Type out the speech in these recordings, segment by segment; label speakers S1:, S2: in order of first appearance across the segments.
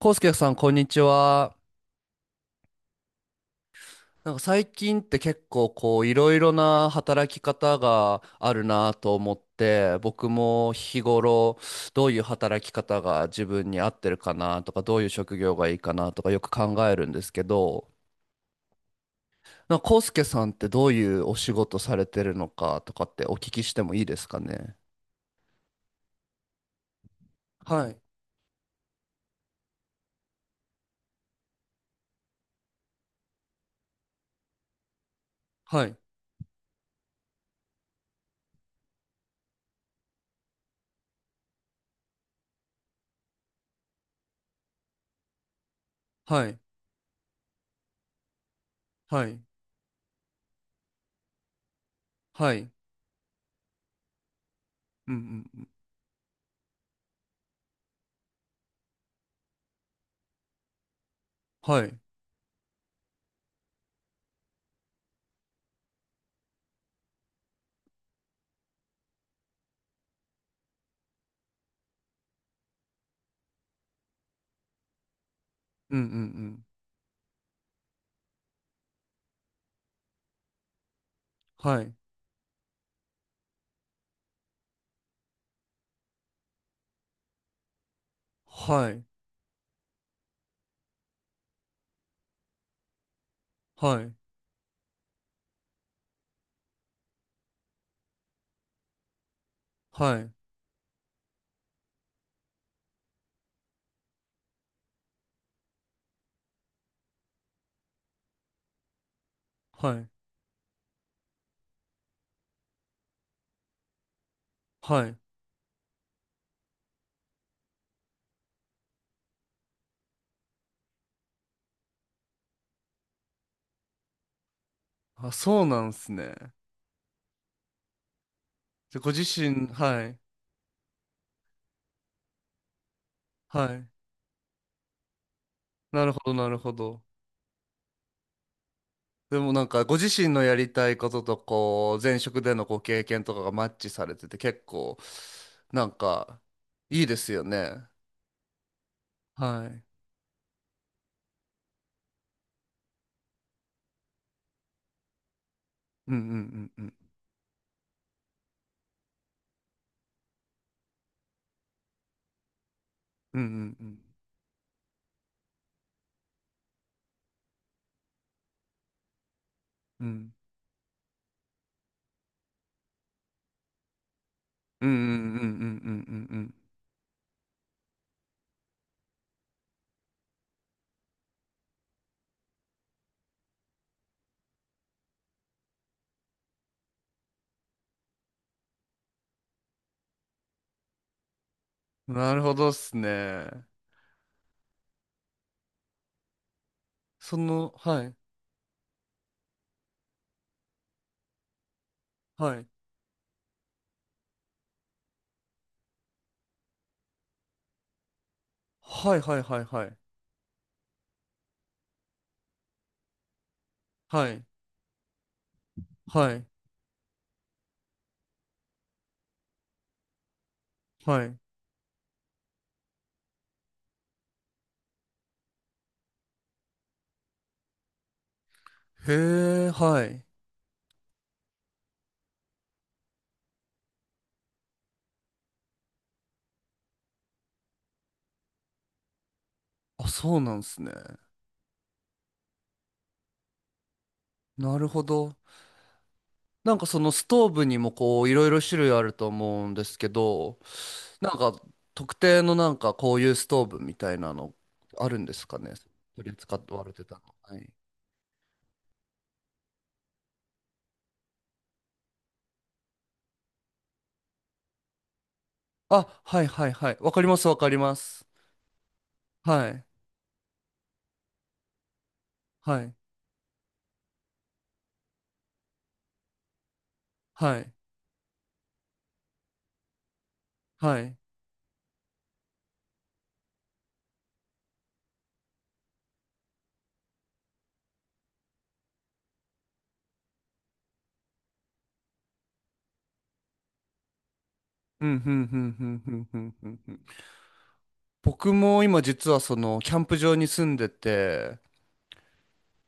S1: コウスケさん、こんにちは。なんか最近って結構こういろいろな働き方があるなと思って、僕も日頃どういう働き方が自分に合ってるかなとか、どういう職業がいいかなとかよく考えるんですけど、なんかコウスケさんってどういうお仕事されてるのかとかってお聞きしてもいいですかね。はい、はい、はい、はい、はい、うんうんうん、はい、うんうんうん、はい、はい、はい、はい。はいはい。あ、そうなんですね。で、ご自身、はい。はい。なるほど、なるほど。でもなんか、ご自身のやりたいことと、こう、前職でのご経験とかがマッチされてて、結構、なんか、いいですよね。はい。うんうんうんうんうんうんうんうんうんうんうんうんうんうんうん。なるほどっすね。その、はい。はい。はいはいはいはい。はい。はい。はい。へえ、はい。あ、そうなんですね。なるほど。なんかそのストーブにもこういろいろ種類あると思うんですけど、なんか特定のなんかこういうストーブみたいなのあるんですかね。取り扱って割れてたの。はい。あ、はいはいはい。わかりますわかります。はい。はい。はい。はい。うん、ふんふんふんふんふんふんふん。僕も今実はそのキャンプ場に住んでて、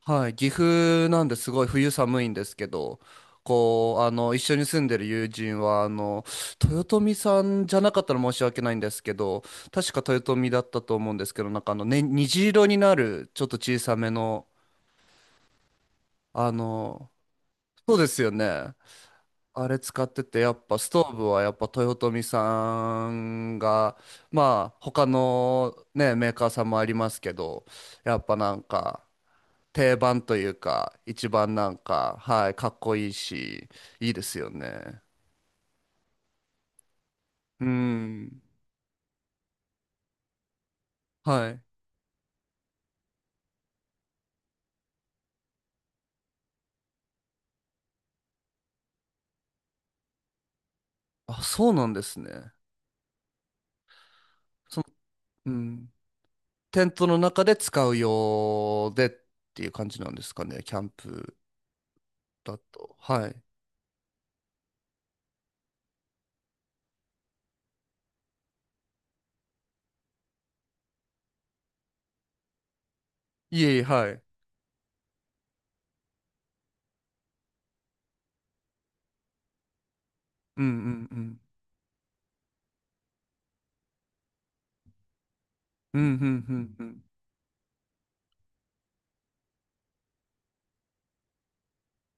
S1: はい、岐阜なんですごい冬寒いんですけど、こう、あの、一緒に住んでる友人は、あの、豊臣さんじゃなかったら申し訳ないんですけど、確か豊臣だったと思うんですけど、なんかあの、ね、虹色になる、ちょっと小さめの、あの、そうですよね。あれ使ってて、やっぱストーブはやっぱ豊臣さんが、まあ、他のね、メーカーさんもありますけど、やっぱなんか、定番というか、一番なんか、はい、かっこいいし、いいですよね。うん。はい。あ、そうなんですね。その、うん。テントの中で使う用でっていう感じなんですかね、キャンプだと。はい。いえいえ、はい。うんうんうん。うんうんうんうん。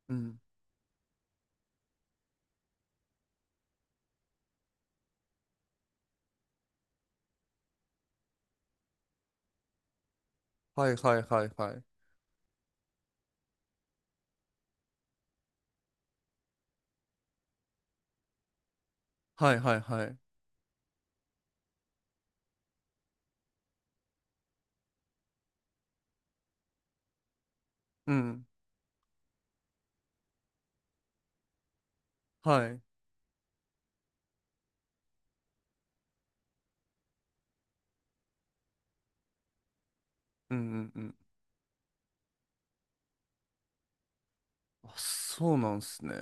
S1: うん。はいはいはいはい。はいはいはい。うん。はい。うんうんうん。あ、そうなんすね。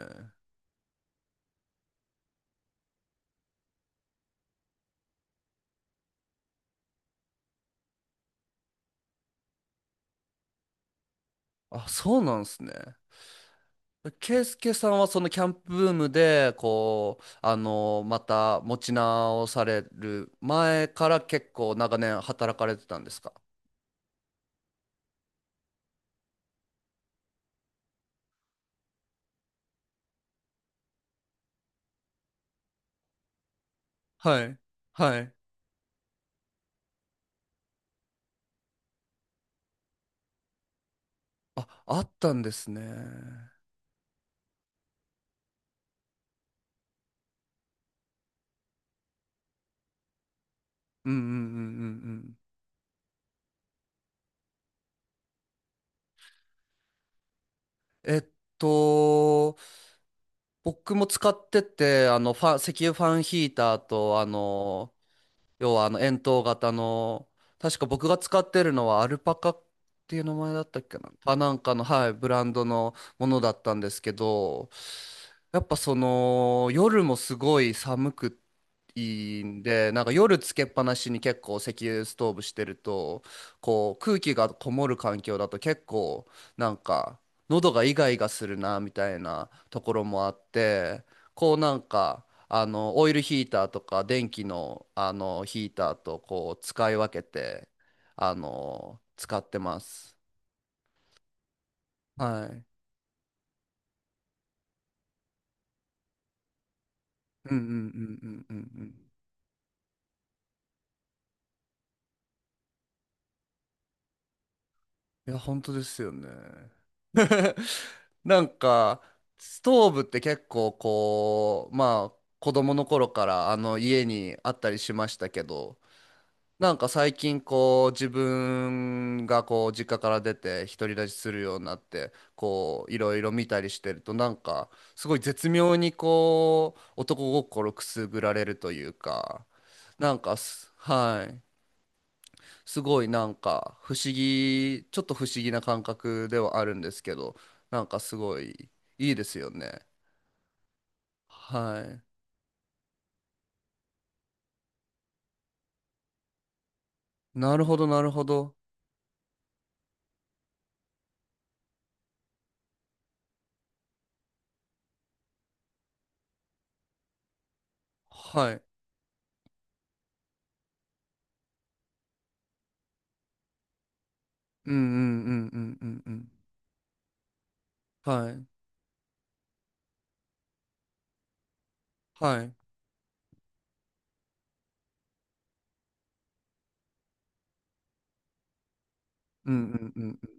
S1: あ、そうなんすね。ケイスケさんはそのキャンプブームでこうあのまた持ち直される前から結構長年働かれてたんですか？はい。はい。あ、あったんですね。うんうんうんうんうん。と僕も使ってて、あの、ファン石油ファンヒーターと、あの、要はあの円筒型の、確か僕が使ってるのはアルパカっていう名前だったっけな。あ、なんかの、はい、ブランドのものだったんですけど、やっぱその夜もすごい寒くいいんで、なんか夜つけっぱなしに結構石油ストーブしてると、こう空気がこもる環境だと結構なんか喉がイガイガするなみたいなところもあって、こうなんかあの、オイルヒーターとか電気の、あの、ヒーターとこう使い分けて、あの、使ってます。はい。うんうんうんうんうんうん。いや、本当ですよね。なんか、ストーブって結構こう、まあ、子供の頃からあの家にあったりしましたけど、なんか最近こう自分がこう実家から出て独り立ちするようになってこういろいろ見たりしてると、なんかすごい絶妙にこう男心くすぐられるというか、なんかはい、すごいなんか不思議ちょっと不思議な感覚ではあるんですけど、なんかすごいいいですよね。はい。なるほど、なるほど。はい。うんうんうんうんうんうん。はいはい。うんうんうん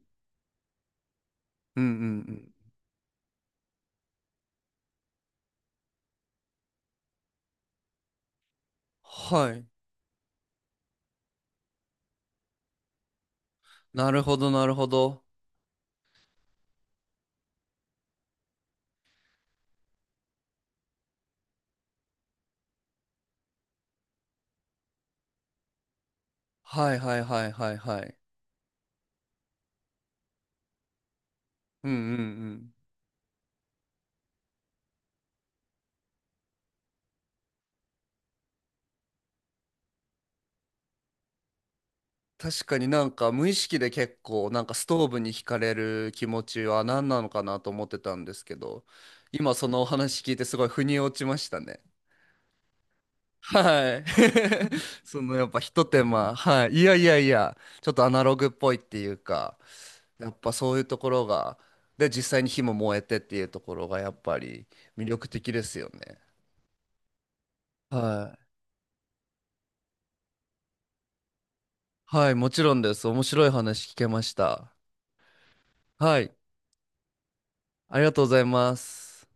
S1: うんうんうん。はい。なるほど、なるほど。はいはいはいはいはい。うんうんうん。確かになんか無意識で結構なんかストーブに惹かれる気持ちは何なのかなと思ってたんですけど、今そのお話聞いてすごい腑に落ちましたね。はい。そのやっぱひと手間。はい。いやいやいや、ちょっとアナログっぽいっていうか、やっぱそういうところが、で、実際に火も燃えてっていうところがやっぱり魅力的ですよね。はい。はい、もちろんです。面白い話聞けました。はい、ありがとうございます。